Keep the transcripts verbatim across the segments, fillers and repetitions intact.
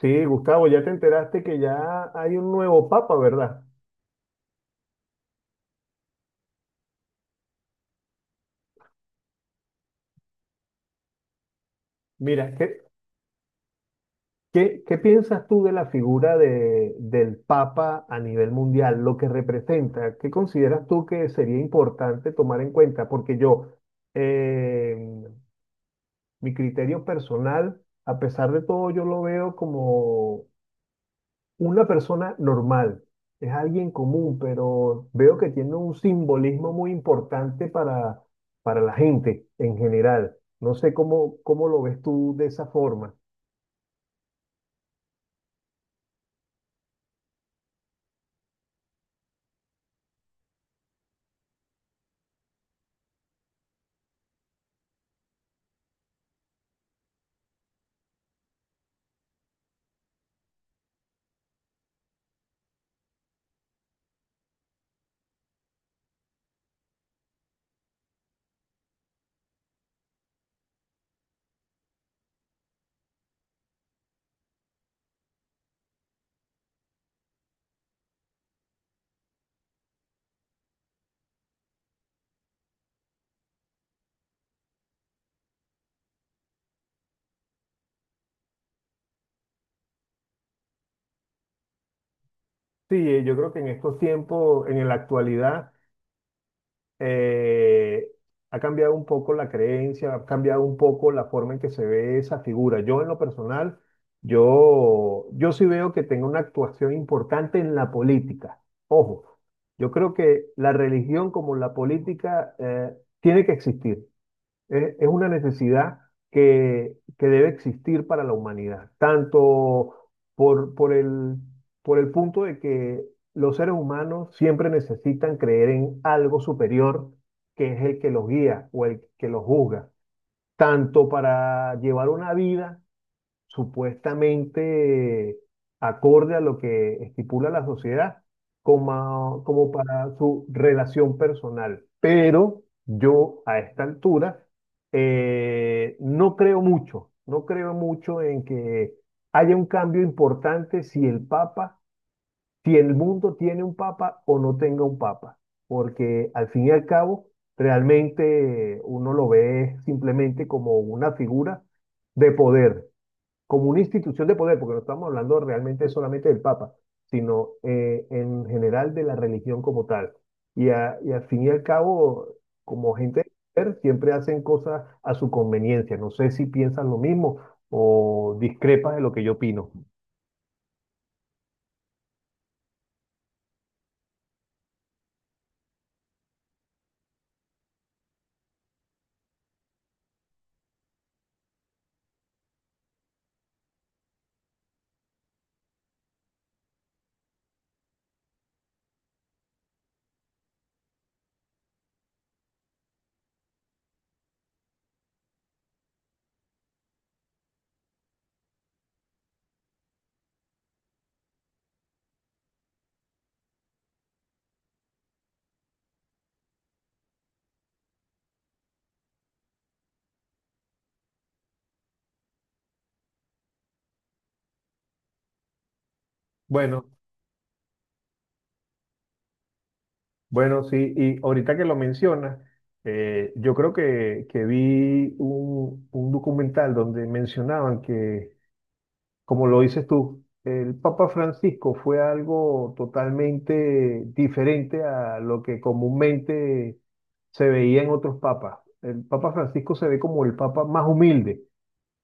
Sí, Gustavo, ya te enteraste que ya hay un nuevo papa, ¿verdad? Mira, ¿qué, qué, qué piensas tú de la figura de, del papa a nivel mundial, lo que representa? ¿Qué consideras tú que sería importante tomar en cuenta? Porque yo, eh, mi criterio personal, a pesar de todo, yo lo veo como una persona normal, es alguien común, pero veo que tiene un simbolismo muy importante para, para la gente en general. No sé cómo, cómo lo ves tú de esa forma. Sí, eh, yo creo que en estos tiempos, en la actualidad, eh, ha cambiado un poco la creencia, ha cambiado un poco la forma en que se ve esa figura. Yo en lo personal, yo, yo sí veo que tenga una actuación importante en la política. Ojo, yo creo que la religión como la política eh, tiene que existir. Es, es una necesidad que, que debe existir para la humanidad, tanto por, por el, por el punto de que los seres humanos siempre necesitan creer en algo superior, que es el que los guía o el que los juzga, tanto para llevar una vida supuestamente acorde a lo que estipula la sociedad, como, como para su relación personal. Pero yo a esta altura eh, no creo mucho, no creo mucho en que haya un cambio importante si el Papa, si el mundo tiene un Papa o no tenga un Papa, porque al fin y al cabo realmente uno lo ve simplemente como una figura de poder, como una institución de poder, porque no estamos hablando realmente solamente del Papa, sino eh, en general de la religión como tal. Y, a- y al fin y al cabo, como gente de poder, siempre hacen cosas a su conveniencia. No sé si piensan lo mismo o discrepas de lo que yo opino. Bueno, bueno, sí, y ahorita que lo mencionas, eh, yo creo que, que vi un, un documental donde mencionaban que, como lo dices tú, el Papa Francisco fue algo totalmente diferente a lo que comúnmente se veía en otros papas. El Papa Francisco se ve como el papa más humilde,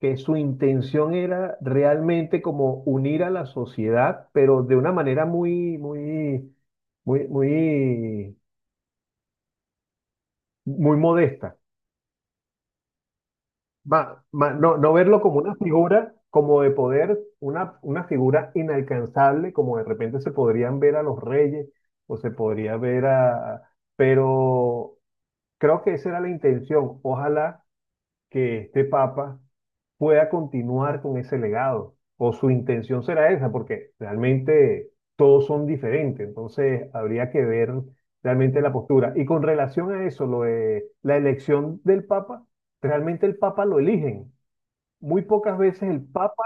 que su intención era realmente como unir a la sociedad, pero de una manera muy, muy, muy, muy, muy modesta. Ma- ma- no, no verlo como una figura, como de poder, una, una figura inalcanzable, como de repente se podrían ver a los reyes o se podría ver a... Pero creo que esa era la intención. Ojalá que este papa pueda continuar con ese legado, o su intención será esa, porque realmente todos son diferentes. Entonces habría que ver realmente la postura. Y con relación a eso, lo de la elección del papa, realmente el papa lo eligen muy pocas veces el Papa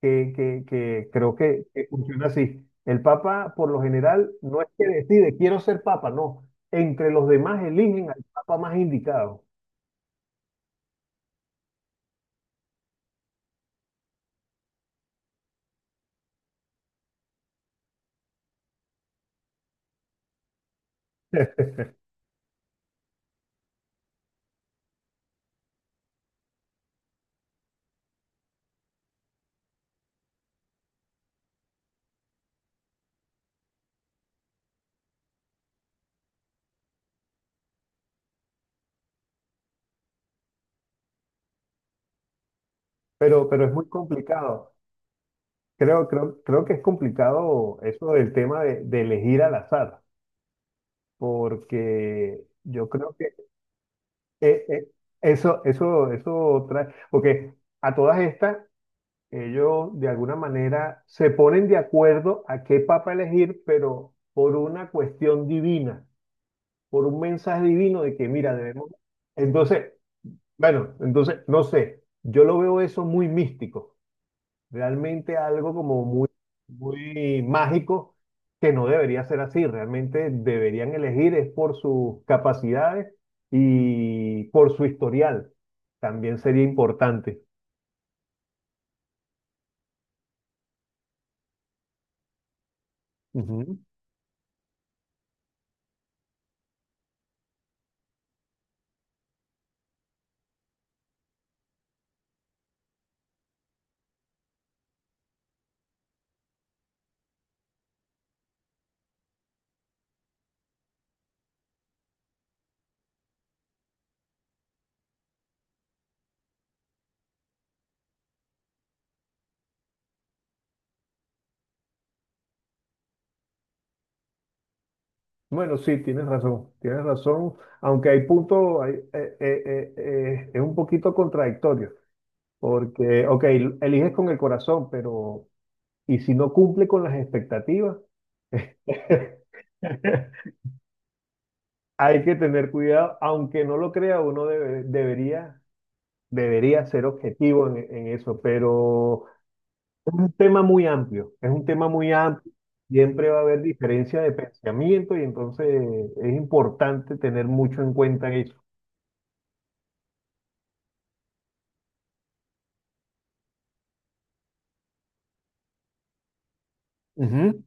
que, que- que creo que, que funciona así. El Papa, por lo general, no es que decide, quiero ser Papa, no. Entre los demás eligen al Papa más indicado. Pero, pero es muy complicado. Creo, creo, creo que es complicado eso del tema de, de elegir al azar, porque yo creo que eh, eh, eso, eso, eso trae, porque a todas estas, ellos de alguna manera se ponen de acuerdo a qué papa elegir, pero por una cuestión divina, por un mensaje divino de que, mira, debemos... Entonces, bueno, entonces, no sé, yo lo veo eso muy místico, realmente algo como muy, muy mágico, que no debería ser así, realmente deberían elegir es por sus capacidades y por su historial, también sería importante. Bueno, sí, tienes razón, tienes razón, aunque hay puntos, hay- eh, eh, eh, eh, es un poquito contradictorio, porque, ok, eliges con el corazón, pero ¿y si no cumple con las expectativas? Hay que tener cuidado, aunque no lo crea, uno debe- debería, debería ser objetivo en, en eso, pero es un tema muy amplio, es un tema muy amplio, siempre va a haber diferencia de pensamiento y entonces es importante tener mucho en cuenta eso. Ujú.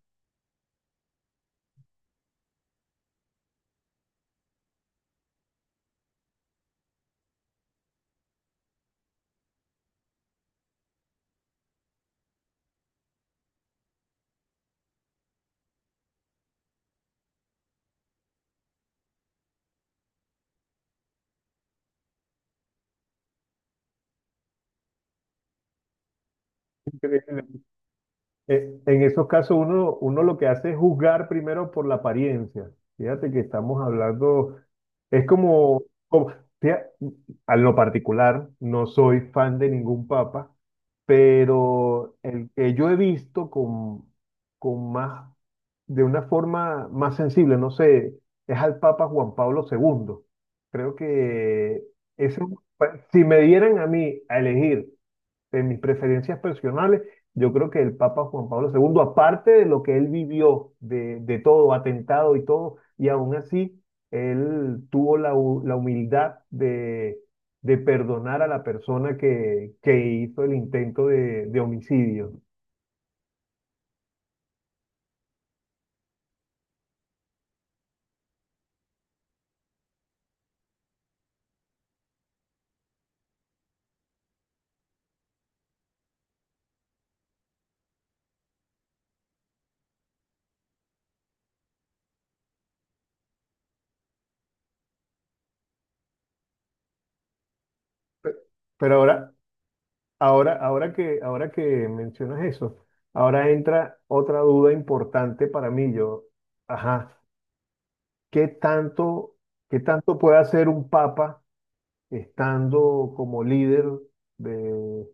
Increíble. Eh, en esos casos uno, uno lo que hace es juzgar primero por la apariencia. Fíjate que estamos hablando, es como, como fía- a lo particular, no soy fan de ningún papa, pero el que yo he visto con, con más, de una forma más sensible, no sé, es al Papa Juan Pablo segundo. Creo que ese, si me dieran a mí a elegir en mis preferencias personales, yo creo que el Papa Juan Pablo segundo, aparte de lo que él vivió, de, de todo, atentado y todo, y aún así, él tuvo la, hu- la humildad de, de perdonar a la persona que, que hizo el intento de, de homicidio. Pero ahora, ahora, ahora que, ahora que mencionas eso, ahora entra otra duda importante para mí. Yo, ajá, ¿qué tanto, qué tanto puede hacer un papa estando como líder de,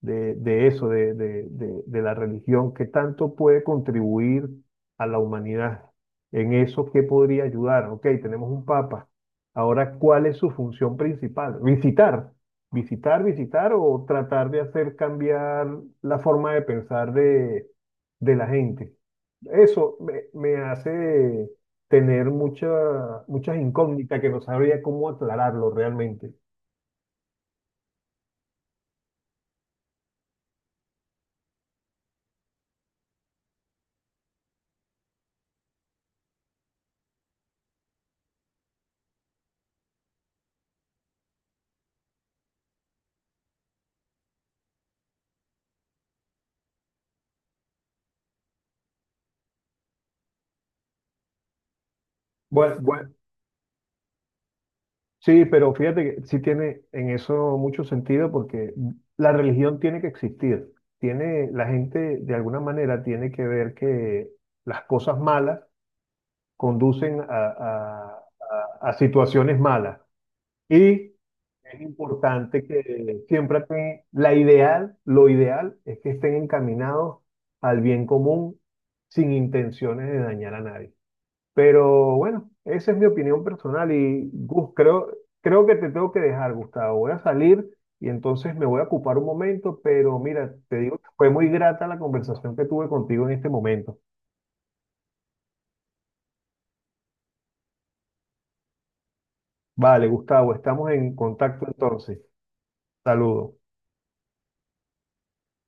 de, de eso, de, de, de- de la religión? ¿Qué tanto puede contribuir a la humanidad? En eso, ¿qué podría ayudar? Ok, tenemos un papa. Ahora, ¿cuál es su función principal? Visitar, visitar, visitar o tratar de hacer cambiar la forma de pensar de, de la gente. Eso me, me hace tener mucha, muchas incógnitas que no sabría cómo aclararlo realmente. Bueno, bueno, sí, pero fíjate que sí tiene en eso mucho sentido porque la religión tiene que existir. Tiene, la gente de alguna manera tiene que ver que las cosas malas conducen a, a- a- a situaciones malas. Y es importante que siempre te- la ideal, lo ideal es que estén encaminados al bien común, sin intenciones de dañar a nadie. Pero bueno, esa es mi opinión personal y Gus, creo, creo que te tengo que dejar, Gustavo. Voy a salir y entonces me voy a ocupar un momento, pero mira, te digo que fue muy grata la conversación que tuve contigo en este momento. Vale, Gustavo, estamos en contacto entonces. Saludos.